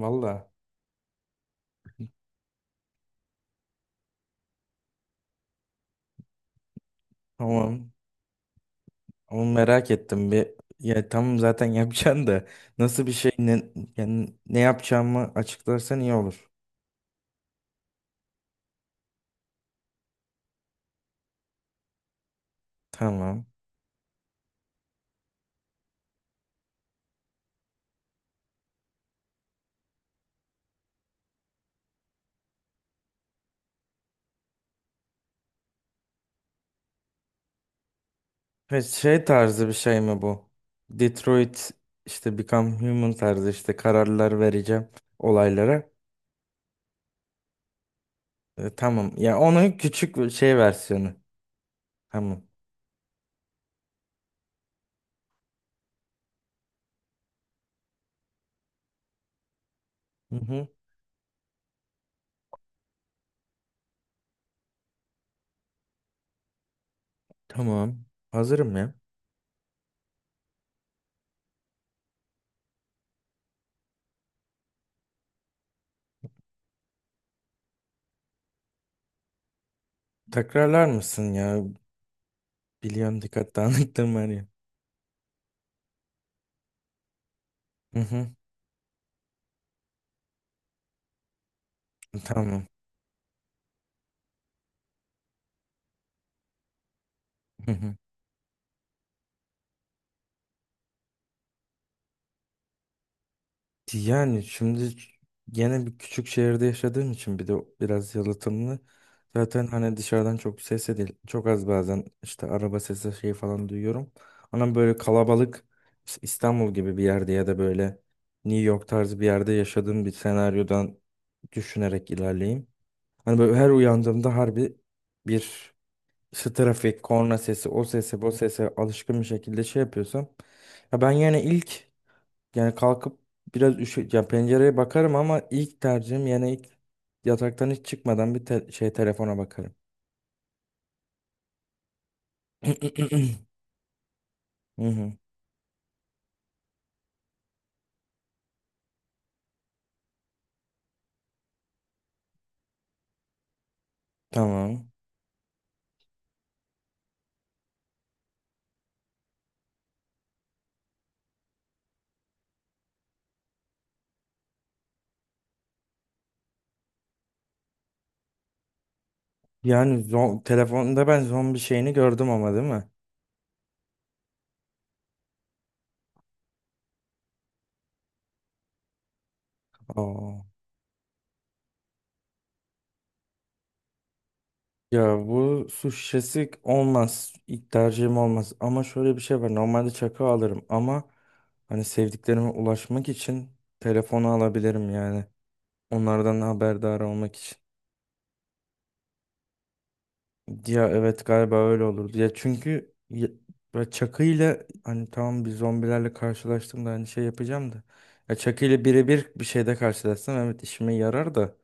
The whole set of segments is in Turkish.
Valla tamam. Ama merak ettim bir. Ya tamam zaten yapacaksın da nasıl bir şey ne, yani ne yapacağımı açıklarsan iyi olur. Tamam. Ve şey tarzı bir şey mi bu? Detroit işte Become Human tarzı işte kararlar vereceğim olaylara. Tamam. Ya onun küçük bir şey versiyonu. Tamam. Hı hı. Tamam. Hazırım ya. Tekrarlar mısın ya? Biliyorum dikkat dağınıklığım var ya. Hı hı. Tamam. Hı hı. Yani şimdi gene bir küçük şehirde yaşadığım için bir de biraz yalıtımlı. Zaten hani dışarıdan çok ses de değil. Çok az bazen işte araba sesi şey falan duyuyorum. Ama böyle kalabalık işte İstanbul gibi bir yerde ya da böyle New York tarzı bir yerde yaşadığım bir senaryodan düşünerek ilerleyeyim. Hani böyle her uyandığımda harbi bir işte trafik, korna sesi, o sese, bu sese alışkın bir şekilde şey yapıyorsam. Ya ben yani ilk yani kalkıp biraz üşü ya pencereye bakarım ama ilk tercihim yani ilk yataktan hiç çıkmadan bir şey telefona bakarım. Hı hı, tamam. Yani telefonda ben zombi şeyini gördüm ama değil mi? Aa. Ya bu su şişesi olmaz. İlk tercihim olmaz. Ama şöyle bir şey var. Normalde çakı alırım ama hani sevdiklerime ulaşmak için telefonu alabilirim yani. Onlardan haberdar olmak için. Ya evet galiba öyle olurdu. Ya çünkü ya, böyle Chucky ile hani tamam bir zombilerle karşılaştığımda hani şey yapacağım da. Ya Chucky ile birebir bir şeyde karşılaşsam evet işime yarar da.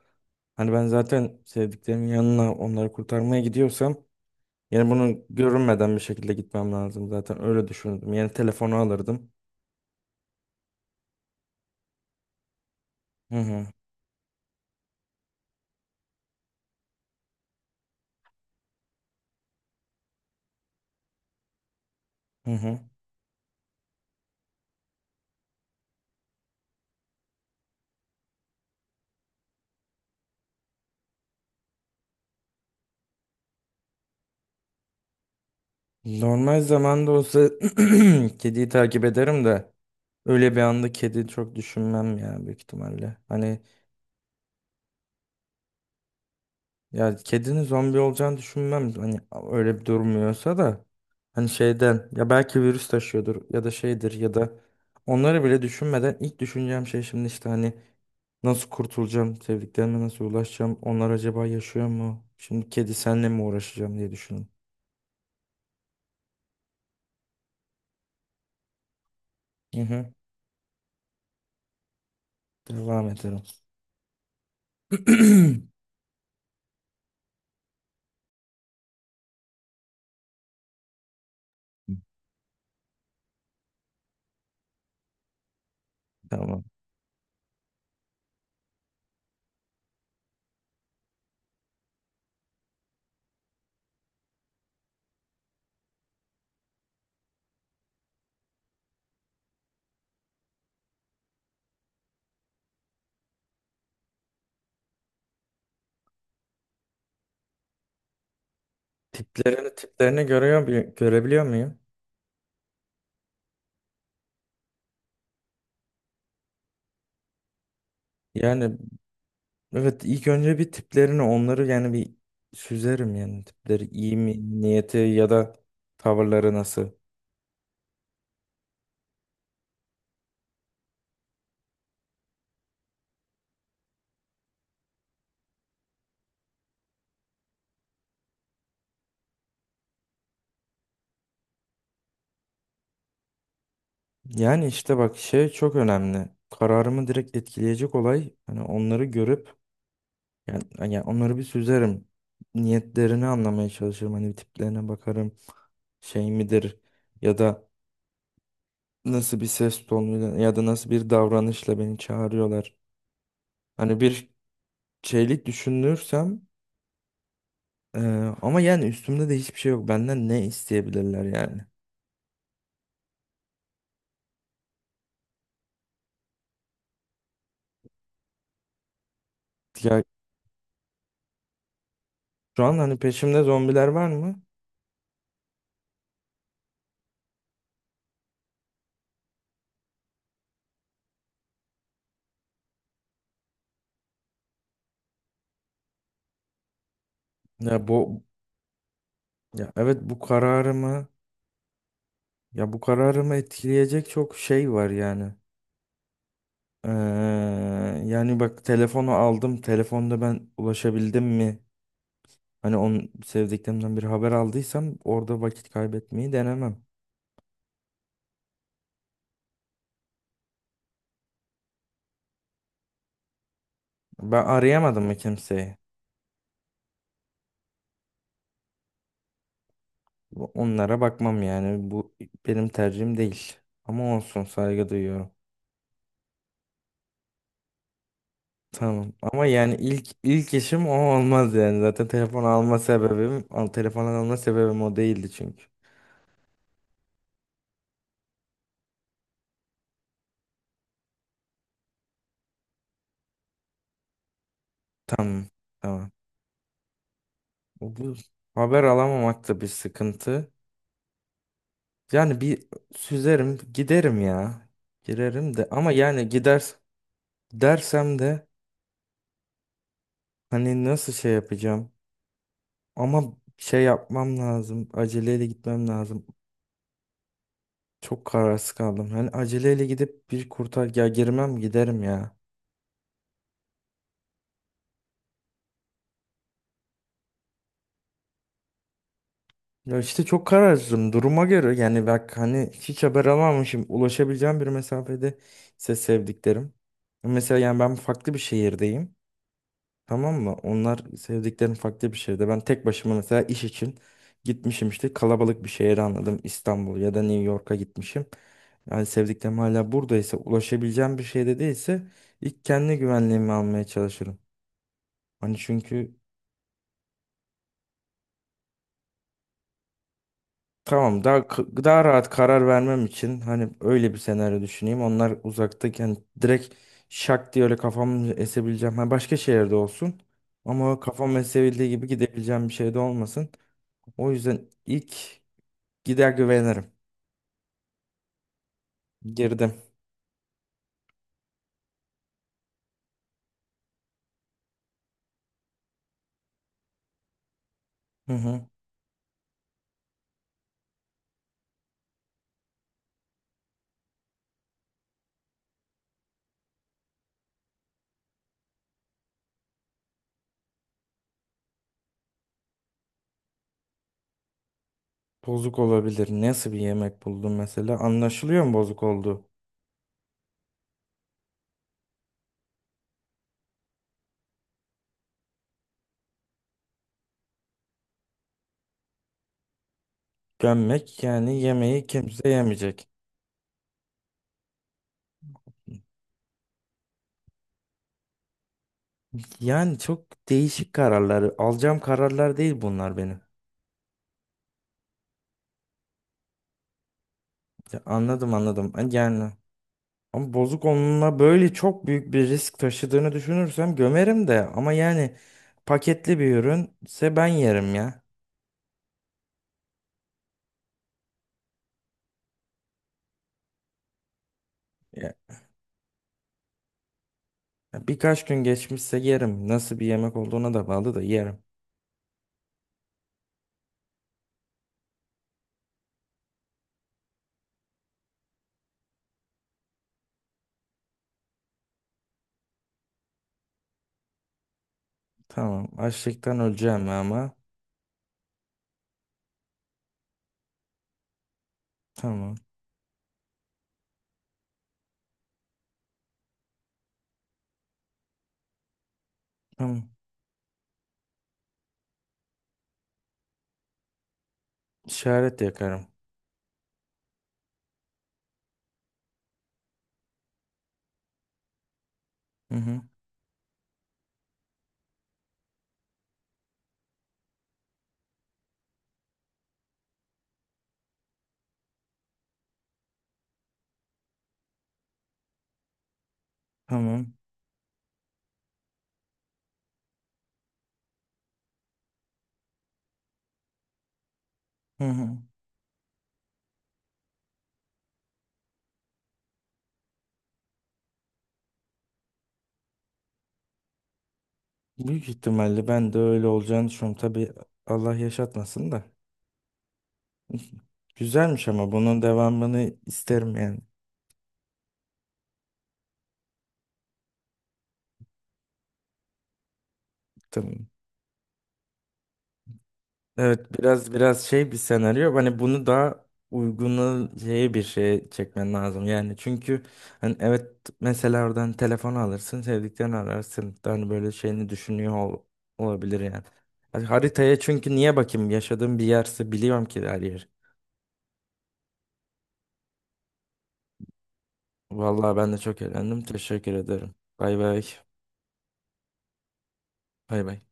Hani ben zaten sevdiklerimin yanına onları kurtarmaya gidiyorsam yani bunu görünmeden bir şekilde gitmem lazım zaten öyle düşündüm. Yani telefonu alırdım. Hı hı. Hı hı. Normal zamanda olsa kediyi takip ederim de öyle bir anda kedi çok düşünmem ya büyük ihtimalle. Hani ya kedinin zombi olacağını düşünmem. Hani öyle bir durmuyorsa da hani şeyden ya belki virüs taşıyordur ya da şeydir ya da onları bile düşünmeden ilk düşüneceğim şey şimdi işte hani nasıl kurtulacağım, sevdiklerime nasıl ulaşacağım, onlar acaba yaşıyor mu? Şimdi kedi senle mi uğraşacağım diye düşünün. Hı hı. Devam edelim. Tamam. Tiplerini görüyor, görebiliyor muyum? Yani evet ilk önce bir tiplerini onları yani bir süzerim yani tipleri iyi mi niyeti ya da tavırları nasıl. Yani işte bak şey çok önemli. Kararımı direkt etkileyecek olay hani onları görüp yani onları bir süzerim. Niyetlerini anlamaya çalışırım. Hani tiplerine bakarım şey midir ya da nasıl bir ses tonuyla ya da nasıl bir davranışla beni çağırıyorlar. Hani bir şeylik düşünürsem Ee, ama yani üstümde de hiçbir şey yok. Benden ne isteyebilirler yani? Ya şu an hani peşimde zombiler var mı? Ya bu ya evet bu kararımı etkileyecek çok şey var yani. Ee, Yani bak telefonu aldım. Telefonda ben ulaşabildim mi? Hani onun sevdiklerimden bir haber aldıysam orada vakit kaybetmeyi denemem. Ben arayamadım mı kimseyi? Onlara bakmam yani. Bu benim tercihim değil. Ama olsun saygı duyuyorum. Tamam ama yani ilk işim o olmaz yani. Zaten telefon alma sebebim, al, telefon alma sebebim o değildi çünkü. Tamam. Tamam. Bu haber alamamak da bir sıkıntı. Yani bir süzerim, giderim ya. Girerim de ama yani gider dersem de hani nasıl şey yapacağım? Ama şey yapmam lazım. Aceleyle gitmem lazım. Çok kararsız kaldım. Hani aceleyle gidip bir kurtar ya girmem giderim ya. Ya işte çok kararsızım duruma göre yani bak hani hiç haber alamamışım ulaşabileceğim bir mesafede ise sevdiklerim. Mesela yani ben farklı bir şehirdeyim tamam mı? Onlar sevdiklerim farklı bir şehirde. Ben tek başıma mesela iş için gitmişim işte kalabalık bir şehre anladım İstanbul ya da New York'a gitmişim. Yani sevdiklerim hala buradaysa ulaşabileceğim bir şeyde değilse ilk kendi güvenliğimi almaya çalışırım. Hani çünkü tamam daha daha rahat karar vermem için hani öyle bir senaryo düşüneyim. Onlar uzaktayken direkt şak diye öyle kafamı esebileceğim. Ha, başka şehirde olsun ama kafam esebildiği gibi gidebileceğim bir şey de olmasın. O yüzden ilk gider güvenirim. Girdim. Hı hı. Bozuk olabilir. Nasıl bir yemek buldum mesela? Anlaşılıyor mu bozuk olduğu? Gömmek yani yemeği kimse yemeyecek. Yani çok değişik kararları alacağım kararlar değil bunlar benim. Ya anladım anladım. Yani ama bozuk onunla böyle çok büyük bir risk taşıdığını düşünürsem gömerim de ama yani paketli bir ürünse ben yerim ya. Ya- ya birkaç gün geçmişse yerim. Nasıl bir yemek olduğuna da bağlı da yerim. Tamam. Açlıktan öleceğim ama. Tamam. Tamam. İşaret yakarım. Hı hı. Tamam. Hı hı. Büyük ihtimalle ben de öyle olacağını düşünüyorum. Tabii Allah yaşatmasın da. Güzelmiş ama bunun devamını isterim yani. Tamam. Evet biraz şey bir senaryo. Hani bunu daha uygunu şeye bir şeye çekmen lazım. Yani çünkü hani evet mesela oradan telefon alırsın, sevdiklerini ararsın. Hani böyle şeyini düşünüyor olabilir yani. Hani haritaya çünkü niye bakayım? Yaşadığım bir yerse biliyorum ki her yer. Vallahi ben de çok eğlendim. Teşekkür ederim. Bay bay. Bay bay.